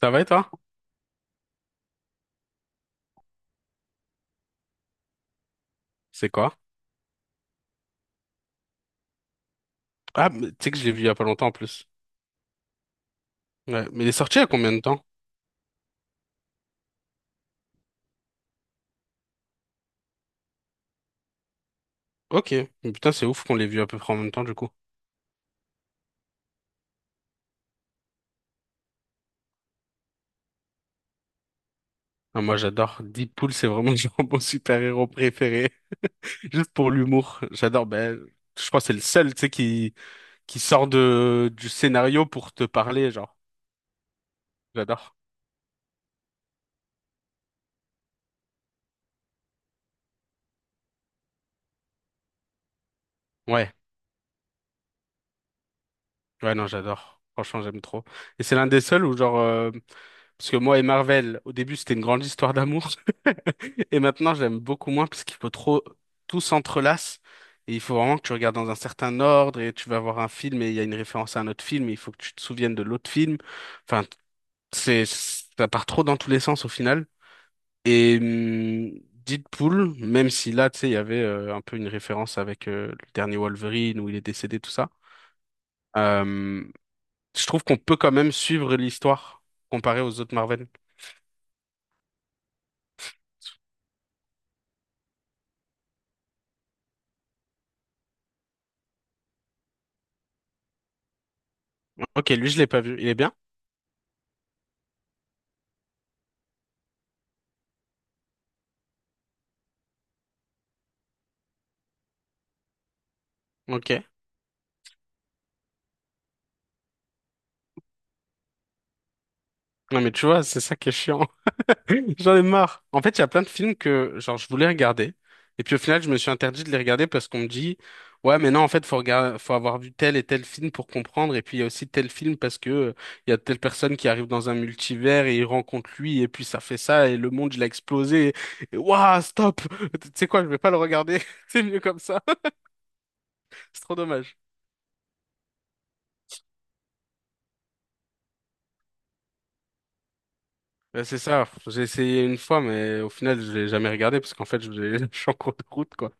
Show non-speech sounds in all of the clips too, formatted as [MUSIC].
Ça va et toi? C'est quoi? Ah, mais tu sais que je l'ai vu il y a pas longtemps en plus. Ouais, mais il est sorti il y a combien de temps? Ok. Mais Putain, c'est ouf qu'on l'ait vu à peu près en même temps du coup. Ah, moi j'adore. Deadpool, c'est vraiment [LAUGHS] genre mon super-héros préféré. [LAUGHS] Juste pour l'humour. J'adore. Ben, je crois que c'est le seul, tu sais, qui sort du scénario pour te parler, genre. J'adore. Ouais. Ouais, non, j'adore. Franchement, j'aime trop. Et c'est l'un des seuls où genre, parce que moi et Marvel, au début, c'était une grande histoire d'amour. [LAUGHS] Et maintenant, j'aime beaucoup moins parce qu'il faut trop, tout s'entrelace. Et il faut vraiment que tu regardes dans un certain ordre et tu vas voir un film et il y a une référence à un autre film et il faut que tu te souviennes de l'autre film. Enfin, ça part trop dans tous les sens au final. Et Deadpool, même si là, tu sais, il y avait un peu une référence avec le dernier Wolverine où il est décédé, tout ça, euh, je trouve qu'on peut quand même suivre l'histoire comparée aux autres Marvel. Ok, lui, je l'ai pas vu. Il est bien? Ok. Non, mais tu vois, c'est ça qui est chiant. [LAUGHS] J'en ai marre. En fait, il y a plein de films que, genre, je voulais regarder. Et puis, au final, je me suis interdit de les regarder parce qu'on me dit, ouais, mais non, en fait, faut regarder, faut avoir vu tel et tel film pour comprendre. Et puis, il y a aussi tel film parce que il y a telle personne qui arrive dans un multivers et il rencontre lui. Et puis, ça fait ça. Et le monde, il a explosé. Et, waouh, stop! Tu sais quoi, je vais pas le regarder. [LAUGHS] C'est mieux comme ça. [LAUGHS] C'est trop dommage. Ouais, c'est ça. J'ai essayé une fois, mais au final, je l'ai jamais regardé parce qu'en fait, je l'ai- [LAUGHS] je suis en cours de route, quoi.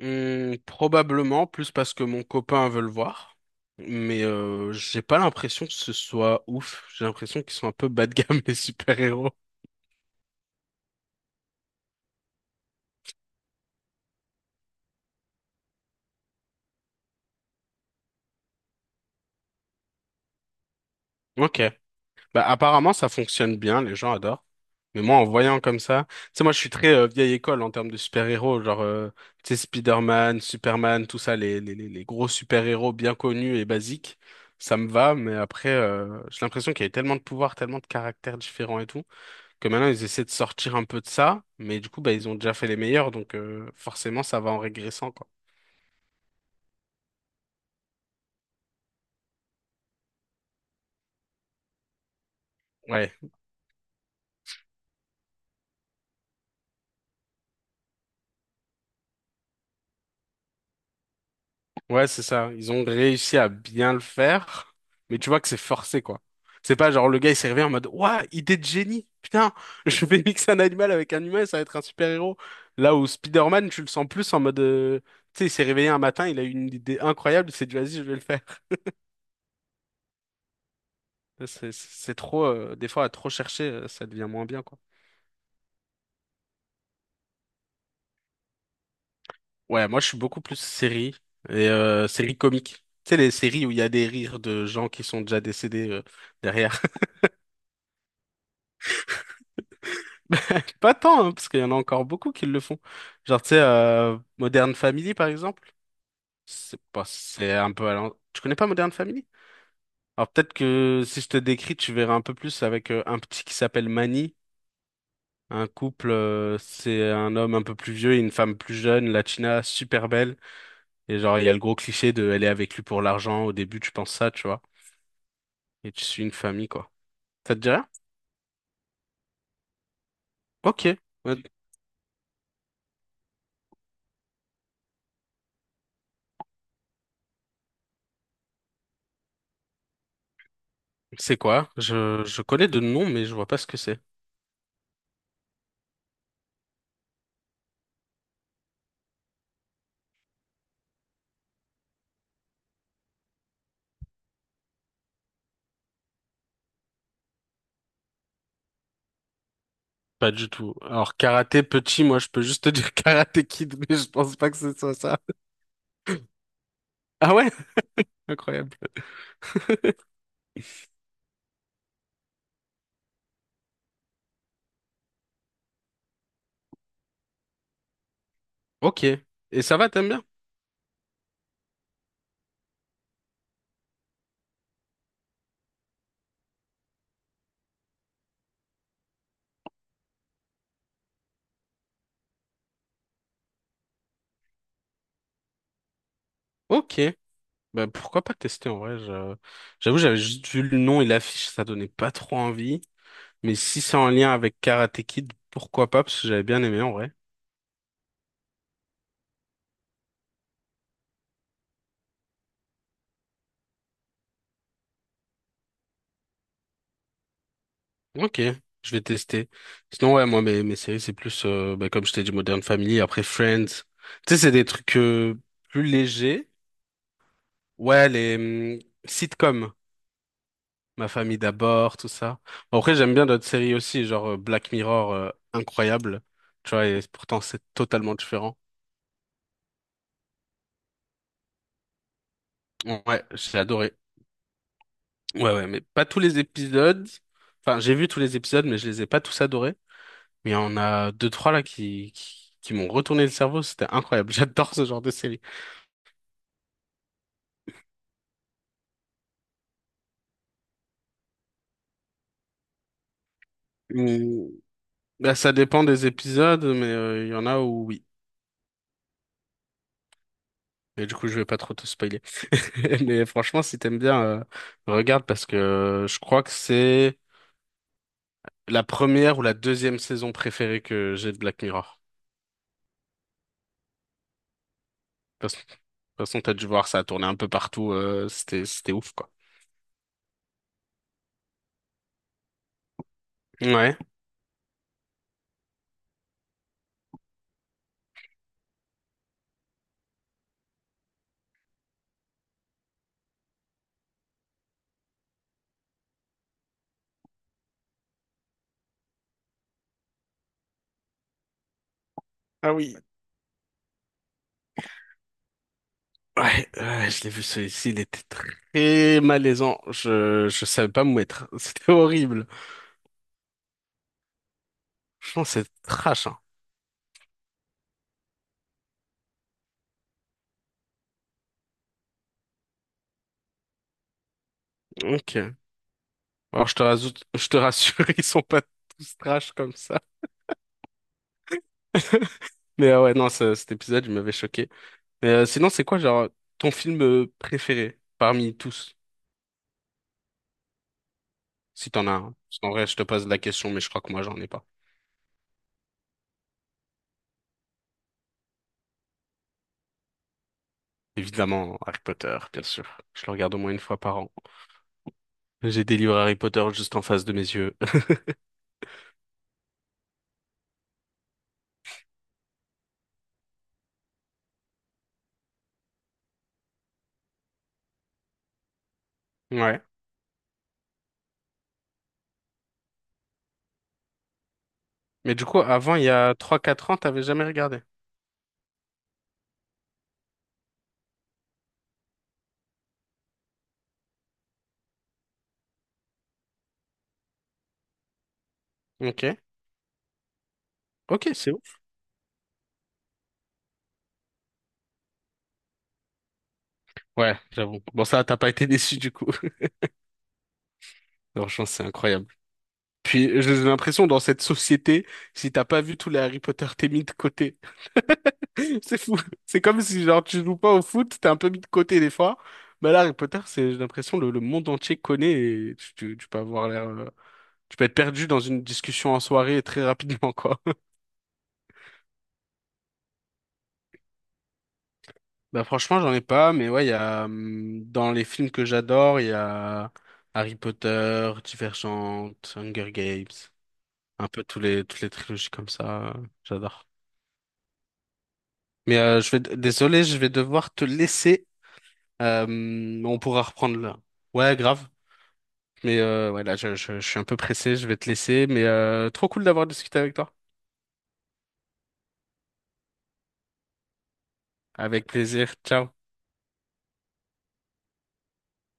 Probablement plus parce que mon copain veut le voir, mais j'ai pas l'impression que ce soit ouf. J'ai l'impression qu'ils sont un peu bas de gamme [LAUGHS] les super-héros. Ok. Bah, apparemment, ça fonctionne bien, les gens adorent. Mais moi, en voyant comme ça, tu sais, moi, je suis très vieille école en termes de super-héros, genre, tu sais, Spider-Man, Superman, tout ça, les gros super-héros bien connus et basiques, ça me va, mais après, j'ai l'impression qu'il y avait tellement de pouvoirs, tellement de caractères différents et tout, que maintenant, ils essaient de sortir un peu de ça, mais du coup, bah, ils ont déjà fait les meilleurs, donc forcément, ça va en régressant, quoi. Ouais. Ouais, c'est ça. Ils ont réussi à bien le faire, mais tu vois que c'est forcé, quoi. C'est pas genre le gars il s'est réveillé en mode ouah, idée de génie! Putain, [LAUGHS] je vais mixer un animal avec un humain, ça va être un super-héros. Là où Spider-Man, tu le sens plus en mode tu sais, il s'est réveillé un matin, il a eu une idée incroyable, il s'est dit vas-y, je vais le faire. C'est trop, des fois à trop chercher, ça devient moins bien, quoi. Ouais, moi je suis beaucoup plus série et série comique. Tu sais, les séries où il y a des rires de gens qui sont déjà décédés derrière. [LAUGHS] Pas tant, hein, parce qu'il y en a encore beaucoup qui le font. Genre, tu sais, Modern Family, par exemple, c'est pas, c'est un peu à l'an- Tu connais pas Modern Family? Alors, peut-être que si je te décris, tu verras un peu plus avec un petit qui s'appelle Manny. Un couple, c'est un homme un peu plus vieux et une femme plus jeune, latina, super belle. Et genre, il y a le gros cliché de elle est avec lui pour l'argent. Au début, tu penses ça, tu vois. Et tu suis une famille, quoi. Ça te dit rien? Ok. Ouais. C'est quoi? Je connais de nom, mais je vois pas ce que c'est. Pas du tout. Alors, karaté petit, moi, je peux juste te dire [LAUGHS] karaté kid, mais je pense pas que ce soit ça. Ah ouais? Incroyable. [LAUGHS] Ok. Et ça va, t'aimes bien? Ok. Bah, pourquoi pas tester en vrai? J'avoue, j'avais juste vu le nom et l'affiche, ça donnait pas trop envie. Mais si c'est en lien avec Karate Kid, pourquoi pas? Parce que j'avais bien aimé en vrai. Ok, je vais tester. Sinon, ouais, moi, mes séries, c'est plus, bah, comme je t'ai dit, Modern Family, après Friends. Tu sais, c'est des trucs plus légers. Ouais, les sitcoms. Ma famille d'abord, tout ça. Bon, après, j'aime bien d'autres séries aussi, genre Black Mirror, incroyable. Tu vois, et pourtant c'est totalement différent. Ouais, j'ai adoré. Ouais, ouais, mais pas tous les épisodes. Enfin, j'ai vu tous les épisodes, mais je les ai pas tous adorés. Mais il y en a deux, trois là qui m'ont retourné le cerveau. C'était incroyable. [LAUGHS] J'adore ce genre de série. Hum, bah, ça dépend des épisodes, mais il y en a où oui. Et du coup, je vais pas trop te spoiler. [LAUGHS] Mais franchement, si t'aimes bien, regarde parce que je crois que c'est la première ou la deuxième saison préférée que j'ai de Black Mirror. Parce- De toute façon, t'as dû voir, ça a tourné un peu partout. C'était ouf, quoi. Ouais. Ah oui. Ouais, ouais, je l'ai vu celui-ci, il était très malaisant. Je savais pas me mettre. [LAUGHS] C'était horrible. Franchement, c'est trash, hein. Ok. Alors, je te rassure, [LAUGHS] ils sont pas tous trash comme ça. [LAUGHS] Mais ouais, non, cet épisode, il m'avait choqué. Mais sinon, c'est quoi, genre, ton film préféré parmi tous? Si t'en as un. Parce qu'en vrai, je te pose la question, mais je crois que moi, j'en ai pas. Évidemment, Harry Potter, bien sûr. Je le regarde au moins une fois par an. J'ai des livres Harry Potter juste en face de mes yeux. [LAUGHS] Ouais. Mais du coup, avant, il y a trois quatre ans, t'avais jamais regardé. Ok. Ok, c'est ouf. Ouais, j'avoue. Bon, ça, t'as pas été déçu du coup. [LAUGHS] Franchement, c'est incroyable. Puis j'ai l'impression dans cette société, si t'as pas vu tous les Harry Potter, t'es mis de côté. [LAUGHS] C'est fou. C'est comme si genre tu joues pas au foot, t'es un peu mis de côté des fois. Mais là, Harry Potter, c'est j'ai l'impression le monde entier connaît et tu peux avoir l'air, tu peux être perdu dans une discussion en soirée très rapidement quoi. [LAUGHS] Bah franchement, j'en ai pas, mais ouais, il y a dans les films que j'adore, il y a Harry Potter, Divergente, Hunger Games, un peu tous les toutes les trilogies comme ça, j'adore. Mais je vais, désolé, je vais devoir te laisser. On pourra reprendre là. Ouais, grave. Mais ouais, là, je suis un peu pressé, je vais te laisser. Mais trop cool d'avoir discuté avec toi. Avec plaisir. Ciao.